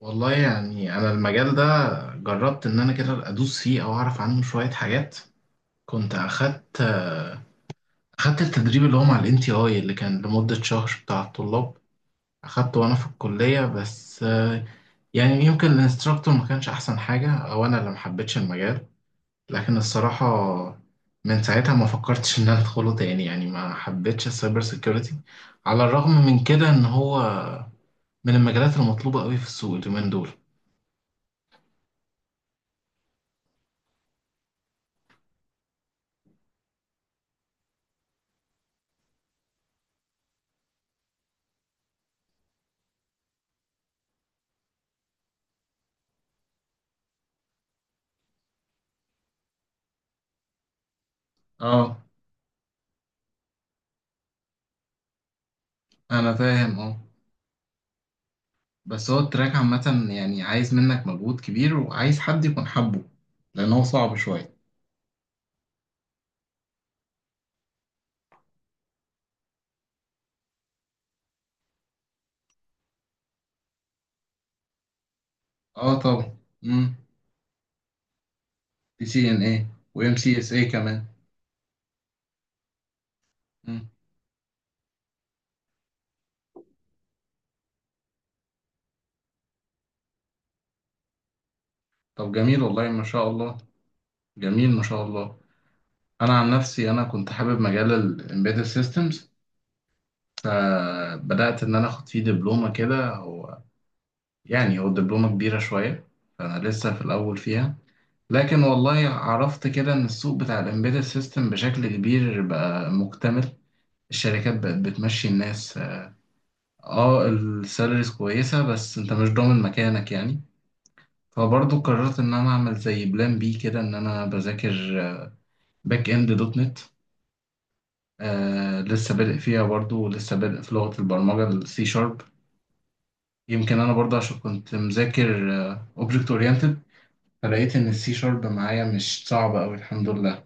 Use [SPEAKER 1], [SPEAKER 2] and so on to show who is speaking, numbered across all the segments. [SPEAKER 1] والله، يعني انا المجال ده جربت ان انا كده ادوس فيه او اعرف عنه شوية حاجات. كنت اخدت التدريب اللي هو مع الان تي اي اللي كان لمدة شهر بتاع الطلاب. اخدته وانا في الكلية، بس يعني يمكن الانستراكتور ما كانش احسن حاجة او انا اللي ما حبيتش المجال. لكن الصراحة، من ساعتها ما فكرتش ان انا ادخله تاني، يعني ما حبيتش السايبر سيكيورتي على الرغم من كده ان هو من المجالات المطلوبة قوي في السوق اليومين دول. اه. انا فاهم، اه. بس هو التراك عامة يعني عايز منك مجهود كبير وعايز حد يكون حبه، لأن هو صعب شوية. اه طبعا. امم بي سي ان اي. وام سي اس اي كمان. مم. طب جميل، والله ما شاء الله. جميل ما شاء الله. انا عن نفسي، انا كنت حابب مجال الامبيدد سيستمز، فبدات ان انا اخد فيه دبلومه كده. هو يعني هو الدبلومه كبيره شويه، فانا لسه في الاول فيها. لكن والله عرفت كده ان السوق بتاع الامبيدد سيستم بشكل كبير بقى مكتمل. الشركات بقت بتمشي الناس، اه السالاريز كويسة بس انت مش ضامن مكانك يعني. فبرضه قررت ان انا اعمل زي بلان بي كده، ان انا بذاكر باك اند دوت نت. لسه بادئ فيها برضه، ولسه بادئ في لغة البرمجة السي شارب. يمكن انا برضه عشان كنت مذاكر اوبجكت اورينتد، فلقيت ان السي شارب معايا مش صعبة اوي الحمد لله.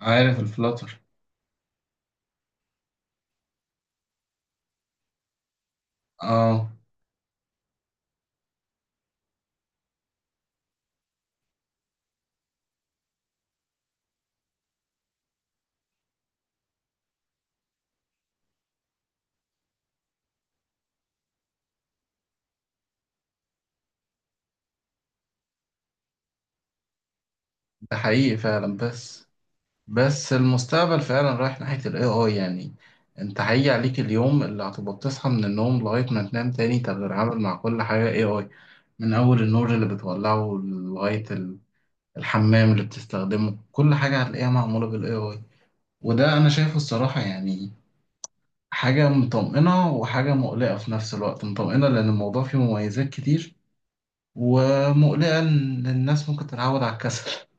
[SPEAKER 1] عارف الفلاتر، اه. ده حقيقي فعلا، بس المستقبل فعلا رايح ناحية ال AI يعني. انت هيجي عليك اليوم اللي هتبقى بتصحى من النوم لغاية ما تنام تاني تتعامل مع كل حاجة AI. من أول النور اللي بتولعه لغاية الحمام اللي بتستخدمه، كل حاجة هتلاقيها معمولة بال AI. وده أنا شايفه الصراحة، يعني حاجة مطمئنة وحاجة مقلقة في نفس الوقت. مطمئنة لأن الموضوع فيه مميزات كتير، ومقلقة إن الناس ممكن تتعود على الكسل.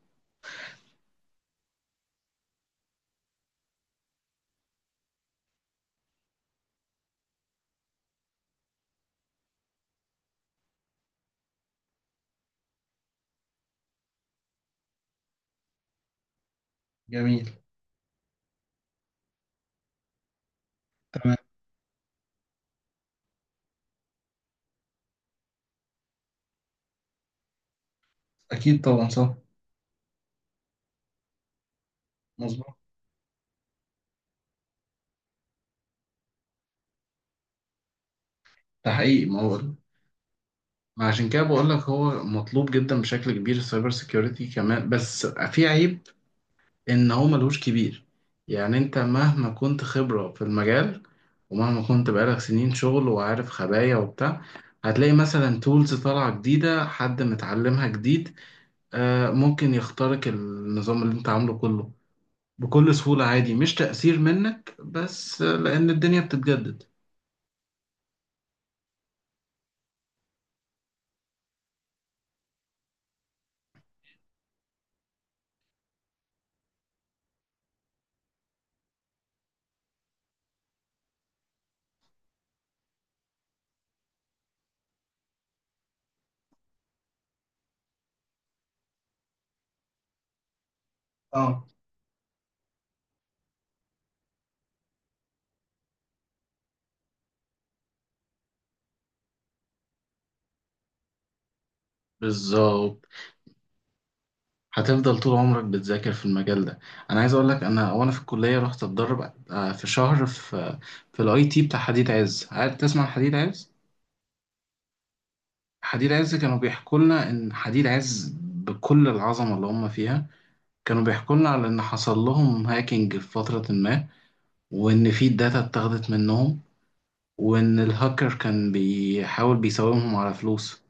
[SPEAKER 1] جميل. تمام. أكيد طبعا. صح. مظبوط. ده حقيقي. ما هو عشان كده بقول لك، هو مطلوب جدا بشكل كبير السايبر سيكيورتي كمان، بس في عيب، ان هو ملهوش كبير. يعني انت مهما كنت خبرة في المجال ومهما كنت بقالك سنين شغل وعارف خبايا وبتاع، هتلاقي مثلا تولز طالعة جديدة، حد متعلمها جديد، ممكن يخترق النظام اللي انت عامله كله بكل سهولة عادي. مش تأثير منك بس، لأن الدنيا بتتجدد. اه بالظبط. هتفضل طول عمرك بتذاكر في المجال ده. انا عايز اقول لك، انا وانا في الكليه رحت اتدرب في شهر في الاي تي بتاع حديد عز. عارف تسمع عن حديد عز؟ حديد عز كانوا بيحكوا لنا ان حديد عز بكل العظمه اللي هم فيها، كانوا بيحكوا لنا على ان حصل لهم هاكينج في فتره ما، وان في داتا اتاخدت منهم، وان الهاكر كان بيحاول بيساومهم على فلوس.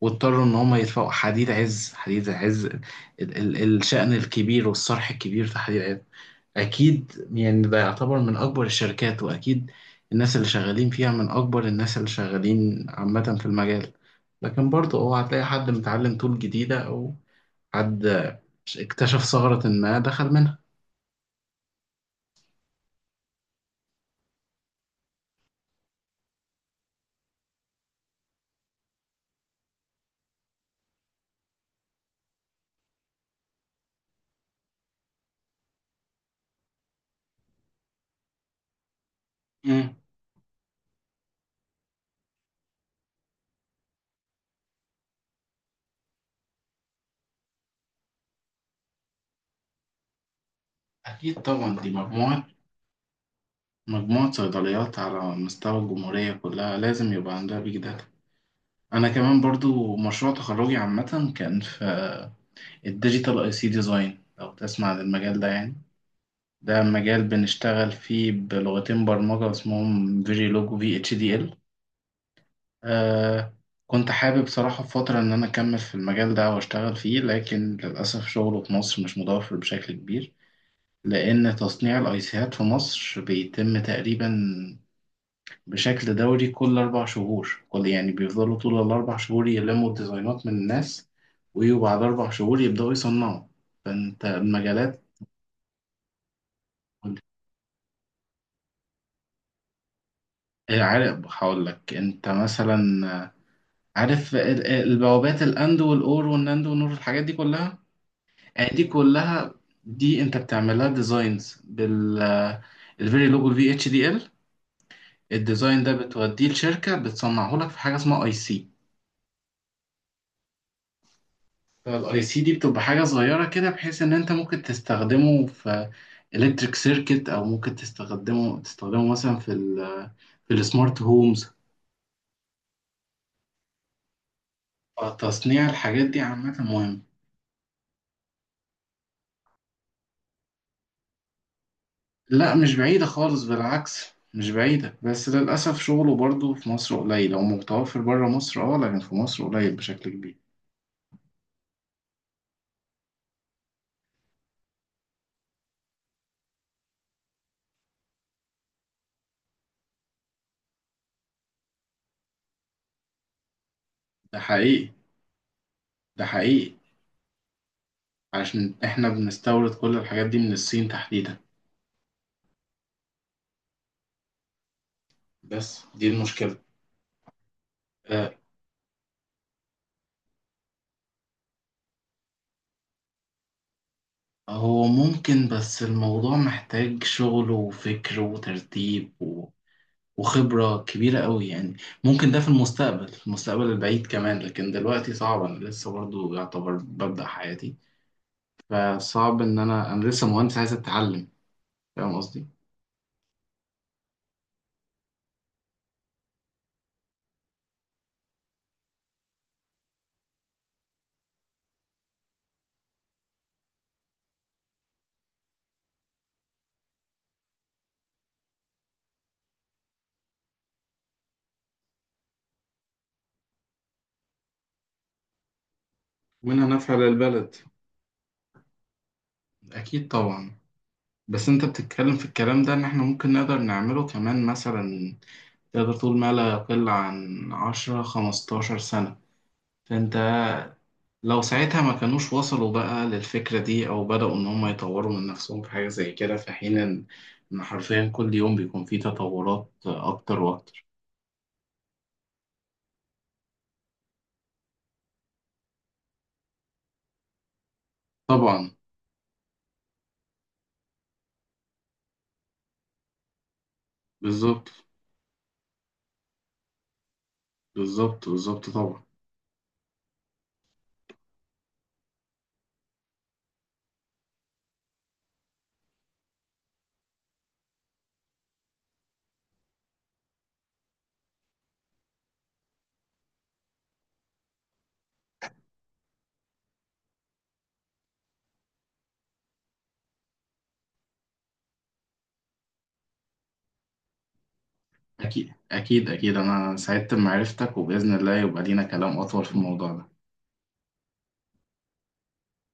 [SPEAKER 1] واضطروا ان هم يدفعوا. حديد عز، حديد عز ال ال الشأن الكبير والصرح الكبير في حديد عز، اكيد يعني ده يعتبر من اكبر الشركات. واكيد الناس اللي شغالين فيها من اكبر الناس اللي شغالين عامة في المجال. لكن برضه هو هتلاقي حد متعلم طول جديدة، او حد اكتشف ثغرة ما دخل منها. مم. أكيد طبعا، دي مجموعة صيدليات على مستوى الجمهورية كلها لازم يبقى عندها بيج داتا. انا كمان برضو مشروع تخرجي عامة كان في الديجيتال اي سي ديزاين. لو تسمع عن المجال ده يعني، ده مجال بنشتغل فيه بلغتين برمجة اسمهم فيجيلوج وفي اتش دي ال. آه كنت حابب صراحة في فترة ان انا اكمل في المجال ده واشتغل فيه، لكن للأسف شغله في مصر مش متوفر بشكل كبير. لان تصنيع الايسيات في مصر بيتم تقريبا بشكل دوري كل 4 شهور. كل يعني بيفضلوا طول ال4 شهور يلموا الديزاينات من الناس، ويجوا بعد 4 شهور يبدأوا يصنعوا. فأنت المجالات إيه، عارف هقول لك. أنت مثلا، آه، عارف البوابات الأند والأور والناند والنور، الحاجات دي كلها. آه، دي كلها دي أنت بتعملها ديزاينز بال الفيري لوجو في اتش دي ال. الديزاين ده بتوديه لشركة بتصنعه لك في حاجة اسمها اي سي. فالاي سي دي بتبقى حاجه صغيره كده بحيث ان انت ممكن تستخدمه في الكتريك سيركت، او ممكن تستخدمه مثلا في السمارت هومز. تصنيع الحاجات دي عامه مهم. لا مش بعيده خالص، بالعكس مش بعيده. بس للاسف شغله برضو في مصر قليل، او متوفر بره مصر اه، لكن في مصر قليل بشكل كبير. ده حقيقي ده حقيقي. علشان احنا بنستورد كل الحاجات دي من الصين تحديدا. بس دي المشكله. آه، هو ممكن، بس الموضوع محتاج شغل وفكر وترتيب وخبرة كبيرة قوي يعني. ممكن ده في المستقبل، في المستقبل البعيد كمان. لكن دلوقتي صعب، أنا لسه برضو يعتبر ببدأ حياتي. فصعب إن أنا لسه مهندس عايز أتعلم. فاهم قصدي؟ منها نفع للبلد. أكيد طبعا. بس أنت بتتكلم في الكلام ده، إن إحنا ممكن نقدر نعمله كمان مثلا. تقدر تقول ما لا يقل عن 10-15 سنة. فأنت لو ساعتها ما كانوش وصلوا بقى للفكرة دي، أو بدأوا إن هم يطوروا من نفسهم في حاجة زي كده، في حين إن حرفيا كل يوم بيكون فيه تطورات أكتر وأكتر. طبعا. بالظبط بالظبط بالظبط طبعا. أكيد أكيد أكيد، أنا سعدت بمعرفتك وبإذن الله يبقى لينا كلام أطول في الموضوع ده.